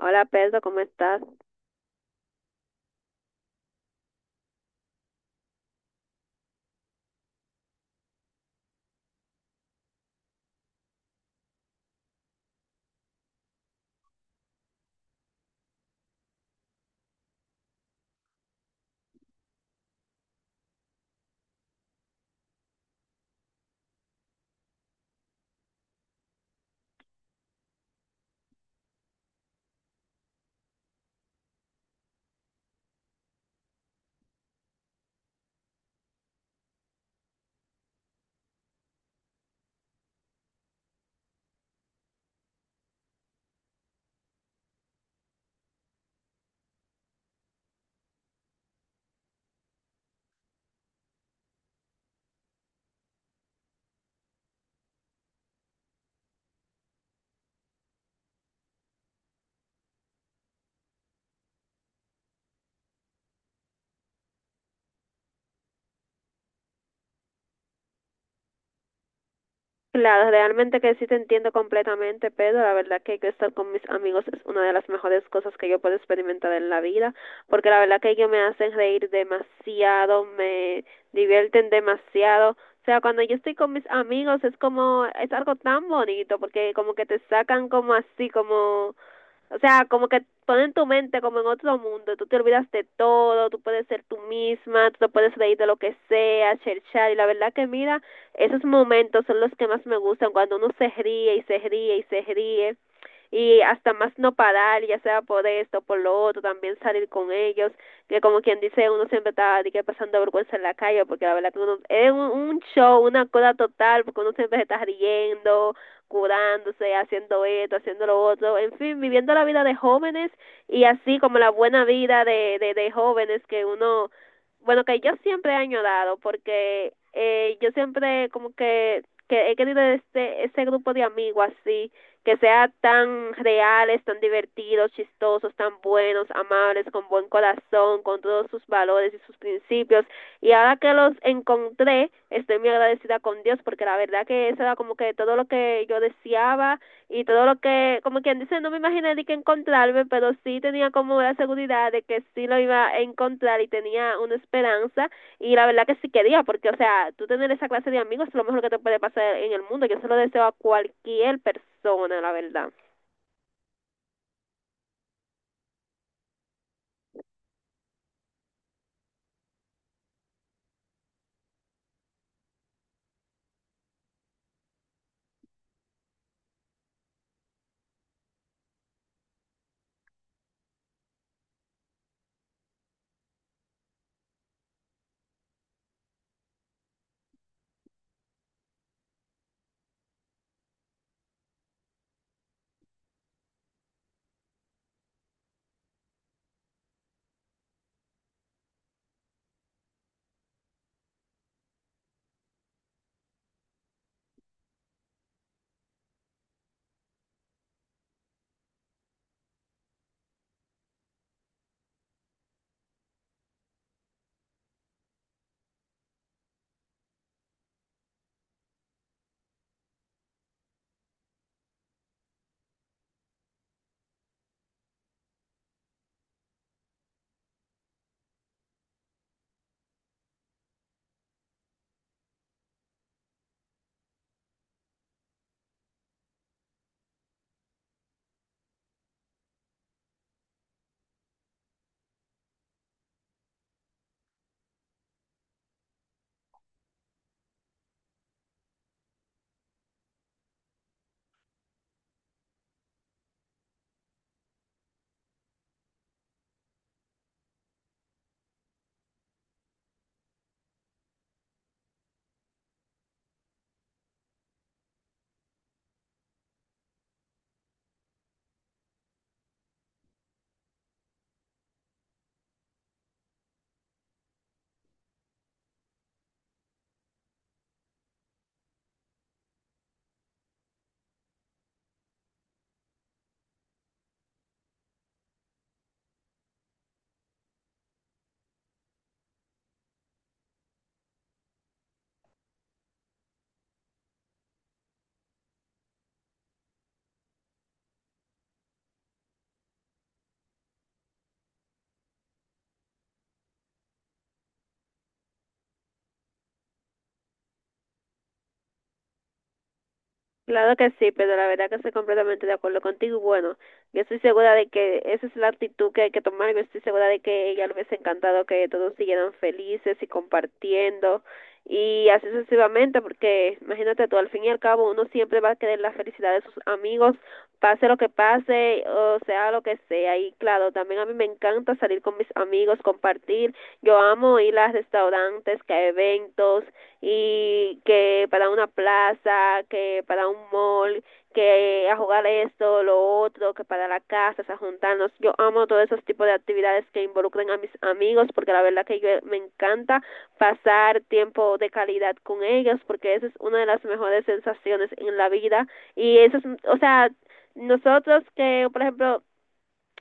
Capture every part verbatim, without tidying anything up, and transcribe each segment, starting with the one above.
Hola Pedro, ¿cómo estás? Claro, realmente que sí te entiendo completamente, Pedro. La verdad que estar con mis amigos es una de las mejores cosas que yo puedo experimentar en la vida, porque la verdad que ellos me hacen reír demasiado, me divierten demasiado. O sea, cuando yo estoy con mis amigos es como, es algo tan bonito, porque como que te sacan como así, como o sea, como que ponen tu mente como en otro mundo, tú te olvidas de todo, tú puedes ser tú misma, tú te puedes reír de lo que sea, cherchar, y la verdad que mira, esos momentos son los que más me gustan, cuando uno se ríe y se ríe y se ríe y hasta más no parar, ya sea por esto, por lo otro, también salir con ellos, que como quien dice, uno siempre está de que pasando vergüenza en la calle, porque la verdad que uno, es un, un show, una cosa total, porque uno siempre se está riendo, curándose, haciendo esto, haciendo lo otro, en fin, viviendo la vida de jóvenes y así como la buena vida de, de, de jóvenes que uno bueno, que yo siempre he añorado porque eh, yo siempre como que, que he querido este, ese grupo de amigos así, que sea tan reales, tan divertidos, chistosos, tan buenos, amables, con buen corazón, con todos sus valores y sus principios. Y ahora que los encontré, estoy muy agradecida con Dios porque la verdad que eso era como que todo lo que yo deseaba y todo lo que, como quien dice, no me imaginé ni que encontrarme, pero sí tenía como la seguridad de que sí lo iba a encontrar y tenía una esperanza y la verdad que sí quería, porque o sea, tú tener esa clase de amigos es lo mejor que te puede pasar en el mundo, yo se lo deseo a cualquier persona, la verdad. Claro que sí, pero la verdad que estoy completamente de acuerdo contigo. Bueno, yo estoy segura de que esa es la actitud que hay que tomar. Yo estoy segura de que ella le hubiese encantado que todos siguieran felices y compartiendo y así sucesivamente, porque imagínate tú, al fin y al cabo uno siempre va a querer la felicidad de sus amigos, pase lo que pase, o sea lo que sea. Y claro, también a mí me encanta salir con mis amigos, compartir. Yo amo ir a restaurantes, que a eventos y que para una plaza, que para un mall, que a jugar esto, lo otro, que para la casa, a juntarnos. Yo amo todos esos tipos de actividades que involucren a mis amigos porque la verdad que yo eh, me encanta pasar tiempo de calidad con ellos porque esa es una de las mejores sensaciones en la vida y eso es, o sea, nosotros que, por ejemplo,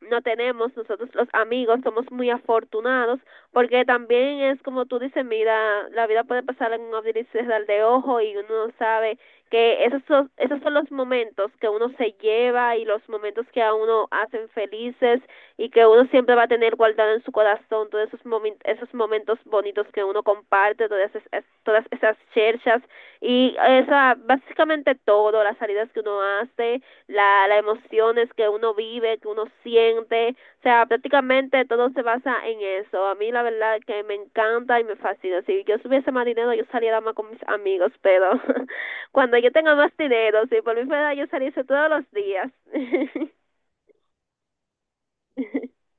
no tenemos, nosotros los amigos somos muy afortunados, porque también es como tú dices, mira, la vida puede pasar en un abrir y cerrar de ojo y uno no sabe que esos son, esos son los momentos que uno se lleva y los momentos que a uno hacen felices y que uno siempre va a tener guardado en su corazón todos esos, momen, esos momentos bonitos que uno comparte, todas esas, todas esas cherchas y esa, básicamente todo, las salidas que uno hace, la, las emociones que uno vive, que uno siente, o sea, prácticamente todo se basa en eso. A mí la verdad es que me encanta y me fascina. Si yo tuviese más dinero, yo saliera más con mis amigos, pero cuando yo tenga más dinero, si por mi fuera yo saliese todos los días.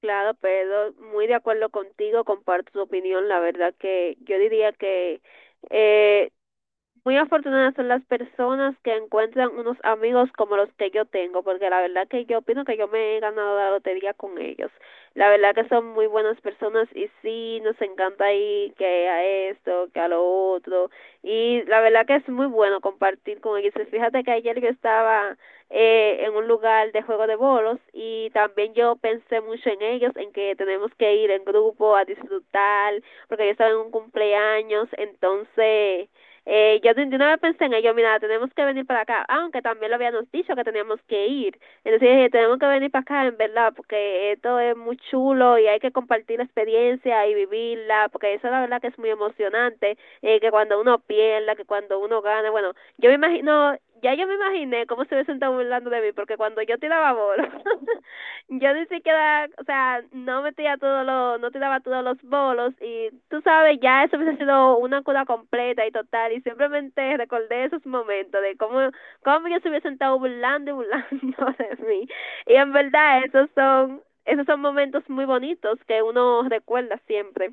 Claro, pero muy de acuerdo contigo, comparto tu opinión. La verdad que yo diría que eh, muy afortunadas son las personas que encuentran unos amigos como los que yo tengo, porque la verdad que yo opino que yo me he ganado la lotería con ellos. La verdad que son muy buenas personas y sí, nos encanta ir que a esto, que a lo otro. Y la verdad que es muy bueno compartir con ellos. Pues fíjate que ayer yo estaba eh, en un lugar de juego de bolos y también yo pensé mucho en ellos, en que tenemos que ir en grupo a disfrutar, porque yo estaba en un cumpleaños, entonces eh, yo de una vez pensé en ello, mira, tenemos que venir para acá, aunque también lo habíamos dicho que teníamos que ir. Entonces dije, tenemos que venir para acá, en verdad, porque esto es muy chulo y hay que compartir la experiencia y vivirla, porque eso la verdad que es muy emocionante eh, que cuando uno pierda, que cuando uno gana, bueno, yo me imagino, ya yo me imaginé cómo se hubiesen estado burlando de mí, porque cuando yo tiraba bolos, yo ni siquiera, o sea, no metía todos los, no tiraba todos los bolos, y tú sabes, ya eso hubiese sido una cura completa y total, y simplemente recordé esos momentos de cómo, cómo ellos se hubiesen estado burlando y burlando de mí, y en verdad esos son, esos son momentos muy bonitos que uno recuerda siempre.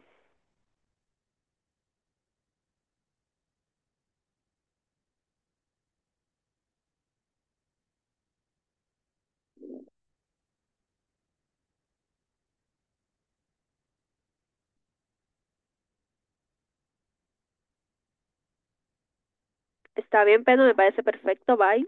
Está bien, pero me parece perfecto, bye.